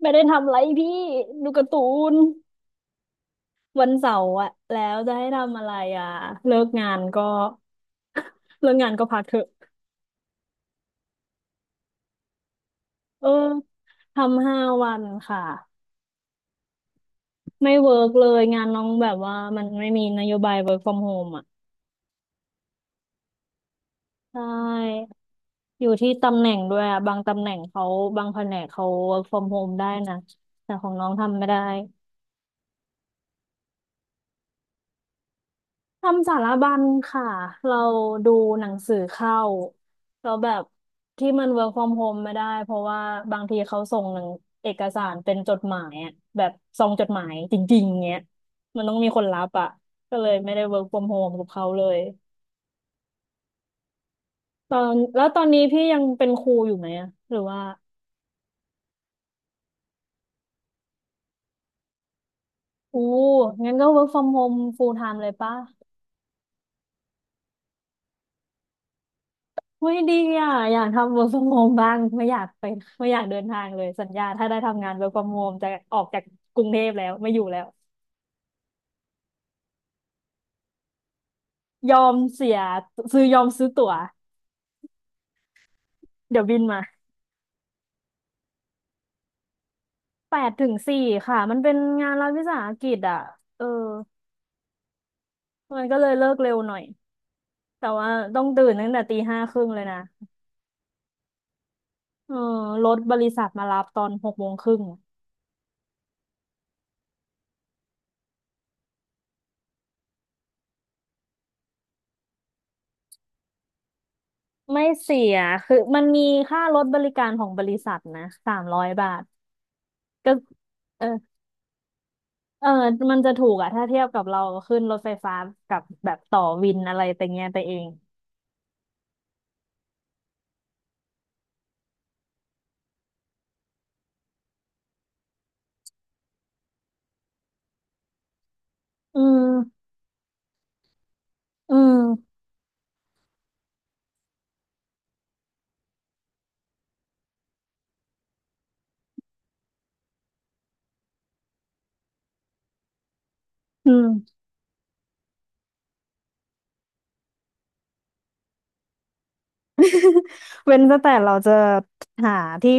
ไม่ได้ทำอะไรพี่ดูการ์ตูนวันเสาร์อะแล้วจะให้ทำอะไรอะเลิกงานก็ เลิกงานก็พักเถอะเออทำห้าวันค่ะไม่เวิร์กเลยงานน้องแบบว่ามันไม่มีนโยบาย work from home อ่ะใช่อยู่ที่ตำแหน่งด้วยอะบางตำแหน่งเขาบางแผนกเขา work from home ได้นะแต่ของน้องทำไม่ได้ ทำสารบัญค่ะเราดูหนังสือเข้าเราแบบที่มัน work from home ไม่ได้เพราะว่าบางทีเขาส่งหนังเอกสารเป็นจดหมายอะแบบซองจดหมายจริงๆเงี้ยมันต้องมีคนรับอ่ะก็เลยไม่ได้ work from home กับเขาเลยตอนแล้วตอนนี้พี่ยังเป็นครูอยู่ไหมอะหรือว่าอู้งั้นก็ work from home full time เลยปะ เฮ้ยดีอ่ะอยากทำ work from home บ้างไม่อยากไปไม่อยากเดินทางเลยสัญญาถ้าได้ทำงาน work from home จะออกจากกรุงเทพแล้วไม่อยู่แล้วยอมเสียยอมซื้อตั๋วเดี๋ยวบินมาแปดถึงสี่ค่ะมันเป็นงานรัฐวิสาหกิจอ่ะเออมันก็เลยเลิกเร็วหน่อยแต่ว่าต้องตื่นตั้งแต่ตีห้าครึ่งเลยนะเออรถบริษัทมารับตอนหกโมงครึ่งไม่เสียคือมันมีค่ารถบริการของบริษัทนะ300 บาทก็เออ เออมันจะถูกอะถ้าเทียบกับเราขึ้นรถไฟฟ้ากับแบบต่อวินอะไรแต่เงี้ยไปเองอืมอืมอืม เว้นแต่เราจะหาที่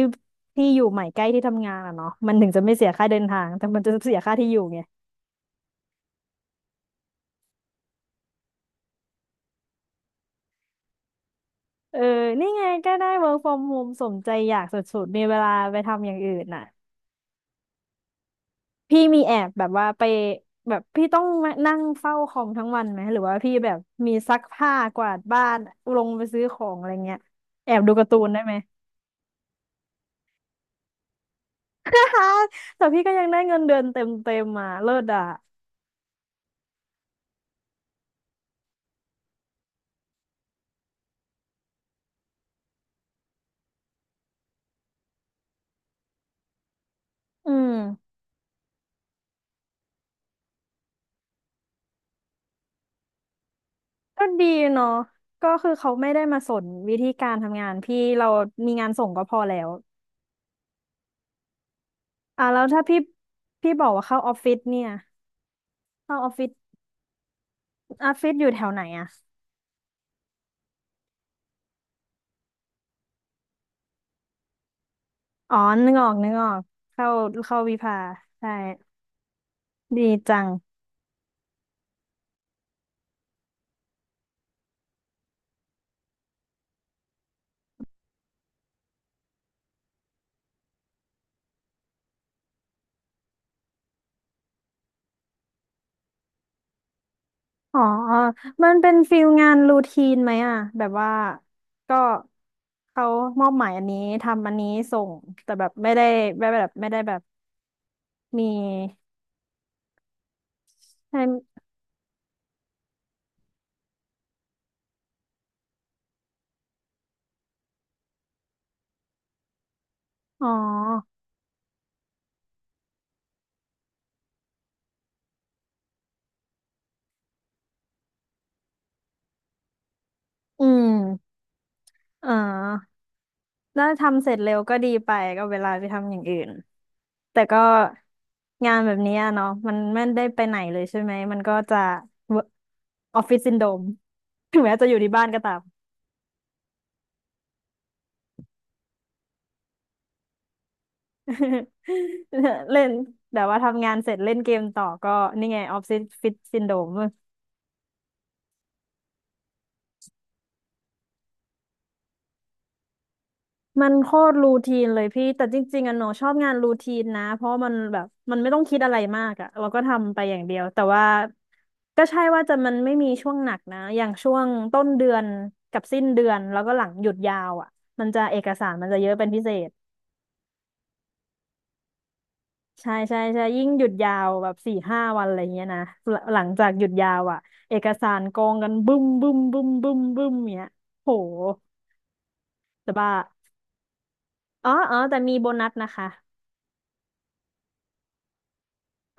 ที่อยู่ใหม่ใกล้ที่ทำงานอะเนาะมันถึงจะไม่เสียค่าเดินทางแต่มันจะเสียค่าที่อยู่ไงเออนี่ไงก็ได้ work from home สมใจอยากสุดๆมีเวลาไปทำอย่างอื่นน่ะ พี่มีแอบแบบว่าไปแบบพี่ต้องมานั่งเฝ้าคอมทั้งวันไหมหรือว่าพี่แบบมีซักผ้ากวาดบ้านลงไปซื้อของอะไรเงี้ยแอบดูการ์ตูนได้ไหม แต่พี่ก็ยังได้เงินเดือนเต็มเต็มมาเลิศอ่ะอืมก็ดีเนาะก็คือเขาไม่ได้มาสนวิธีการทำงานพี่เรามีงานส่งก็พอแล้วอ่ะแล้วถ้าพี่พี่บอกว่าเข้าออฟฟิศเนี่ยเข้าออฟฟิศออฟฟิศอยู่แถวไหนอ่ะอ๋อนึกออกนึกออกเข้าเข้าวิภาใช่ ดีจัง อ๋อมันเป็นฟิลงานรูทีนไหมอ่ะแบบว่าก็เขามอบหมายอันนี้ทำอันนี้ส่ง แต่แบบไม่ได้ไม่แบบไม่ได้แบบมีให้อ๋อ อืมเออแล้วทำเสร็จเร็วก็ดีไป ก็เวลาไปทำอย่างอื่น แต่ก็งานแบบนี้อะเนาะมันไม่ได้ไปไหนเลยใช่ไหมมันก็จะออฟฟิศซินโดรมถึงแม้จะอยู่ที่บ้านก็ตาม เล่นแต่ว่าทำงานเสร็จเล่นเกมต่อก็นี่ไงออฟฟิศซินโดมมันโคตรรูทีนเลยพี่แต่จริงๆอะหนูชอบงานรูทีนนะเพราะมันแบบมันไม่ต้องคิดอะไรมากอะเราก็ทำไปอย่างเดียวแต่ว่าก็ใช่ว่าจะมันไม่มีช่วงหนักนะอย่างช่วงต้นเดือนกับสิ้นเดือนแล้วก็หลังหยุดยาวอะมันจะเอกสารมันจะเยอะเป็นพิเศษ ใช่ใช่ใช่ยิ่งหยุดยาวแบบ4-5 วันอะไรเงี้ยนะหลังจากหยุดยาวอ่ะเอกสารกองกันบึ้มบึ้มบึ้มบึ้มบึ้มเนี้ยโหจะบ้าอ๋ออ๋อแต่มีโบนัสนะคะ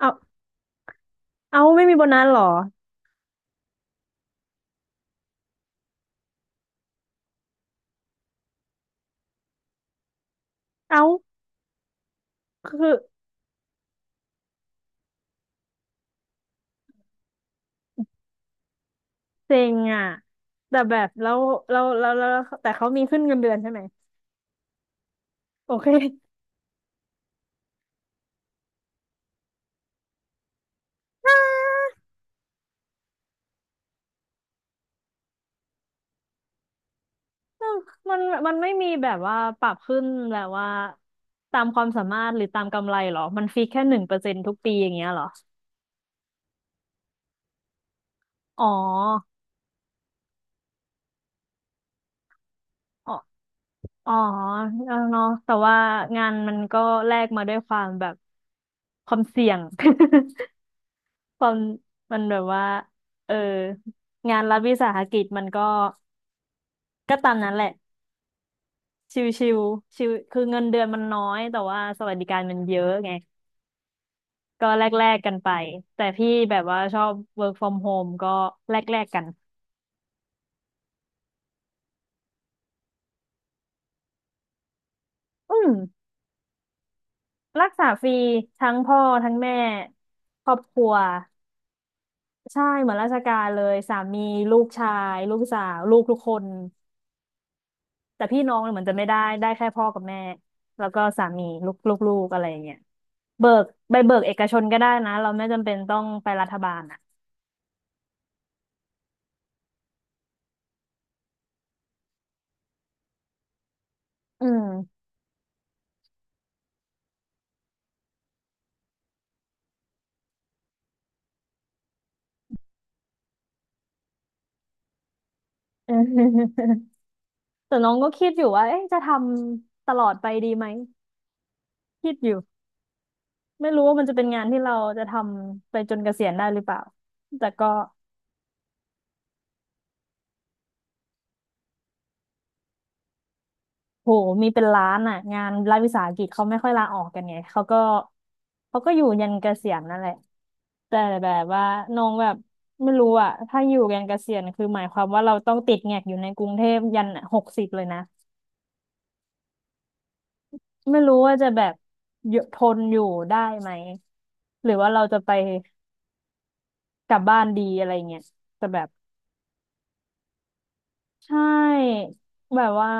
เอาเอาไม่มีโบนัสเหรอเอาคือเซ็งอ่ะแต่แบบแล้วแล้วแต่เขามีขึ้นเงินเดือนใช่ไหมโอเคมันมันไม่มีแบบว่าปรับขึ้นแบบว่าตามความสามารถหรือตามกำไรเหรอมันฟิกแค่1%ทุกปีอย่างเงี้ยเหรออ๋อ อ๋อเออเนาะแต่ว่างานมันก็แลกมาด้วยความแบบความเสี่ยง ความ มันแบบว่า เออ งานรัฐวิสาหกิจมันก็ก็ตามนั้นแหละ ชิวชิวชิวคือเงินเดือนมันน้อย แต่ว่าสวัสดิการมันเยอะไง ก็แลกแลกกันไป แต่พี่แบบว่าชอบ work from home ก็แลกแลกกัน อืม รักษาฟรีทั้งพ่อทั้งแม่ครอบครัว ใช่เหมือนราชการเลยสามีลูกชายลูกสาวลูกทุกคนแต่พี่น้องเนี่ยเหมือนจะไม่ได้ได้แค่พ่อกับแม่แล้วก็สามีลูกลูกลูกอะไรอย่างเงี้ยเบิกใบเบิกเอกชนก็ได้นะเราไม่จำเป็นต้องไปรัฐบาลอ่ะอืม แต่น้องก็คิดอยู่ว่าเอ๊ะจะทำตลอดไปดีไหมคิดอยู่ไม่รู้ว่ามันจะเป็นงานที่เราจะทำไปจนเกษียณได้หรือเปล่าแต่ก็ โหมีเป็นล้านอ่ะงานรัฐวิสาหกิจเขาไม่ค่อยลาออกกันไงเขาก็อยู่ยันเกษียณนั่นแหละแต่แบบว่าน้องแบบไม่รู้อ่ะถ้าอยู่ยันเกษียณคือหมายความว่าเราต้องติดแงกอยู่ในกรุงเทพยัน60เลยนะไม่รู้ว่าจะแบบอยู่ทนอยู่ได้ไหมหรือว่าเราจะไปกลับบ้านดีอะไรเงี้ยแต่แบบใช่แบบว่า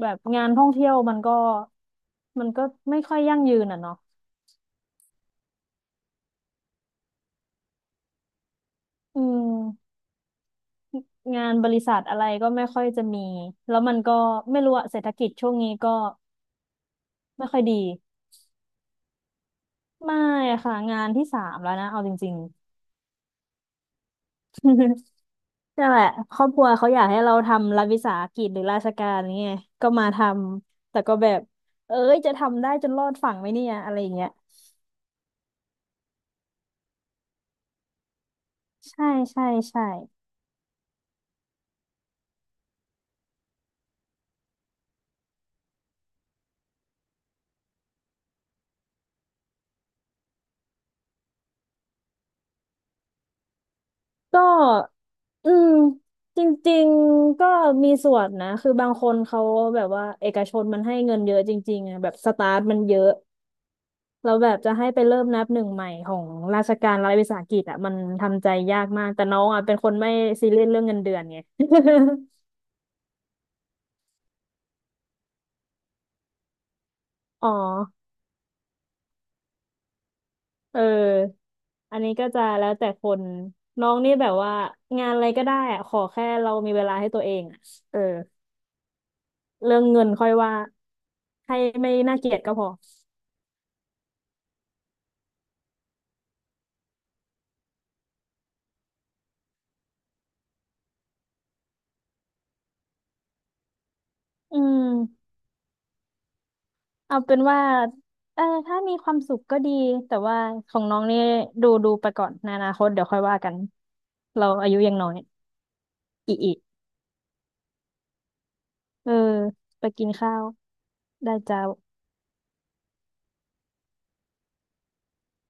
แบบงานท่องเที่ยวมันก็ไม่ค่อยยั่งยืนอ่ะเนาะอืม งานบริษัทอะไรก็ไม่ค่อยจะมี แล้วมันก็ไม่รู้อะเศรษฐกิจช่วงนี้ก็ไม่ค่อยดี ไม่ค่ะงานที่สามแล้วนะเอาจริงๆ นั่นแหละครอบครัวเขาอยากให้เราทำรัฐวิสาหกิจหรือราชการนี่ไงก็มาทำแต่ก็แบบเอ้ยจะทำได้จนรอดฝั่งไหมเนี่ยอะไรอย่างเงี้ยใช่ใช่ใช่ก็อืมจริงๆก็มีส่วนนะคือบางคนเขาแบบว่าเอกชนมันให้เงินเยอะจริงๆอะแบบสตาร์ทมันเยอะ เราแบบจะให้ไปเริ่มนับหนึ่งใหม่ของราชการรัฐวิสาหกิจอ่ะมันทำใจยากมากแต่น้องอ่ะเป็นคนไม่ซีเรียสเรื่องเงินเดือนไง อ๋อเอออันนี้ก็จะแล้วแต่คนน้องนี่แบบว่างานอะไรก็ได้อ่ะขอแค่เรามีเวลาให้ตัวเองอะเออเรื่องเงินค่อยว่าให้ไม่น่าเกลียดก็พออืมเอาเป็นว่าเออถ้ามีความสุขก็ดีแต่ว่าของน้องนี่ดูไปก่อนในอนาคตเดี๋ยวค่อยว่ากันเราอายุยังน้อย อีกอีเออ ไปกินข้าวได้จ้าว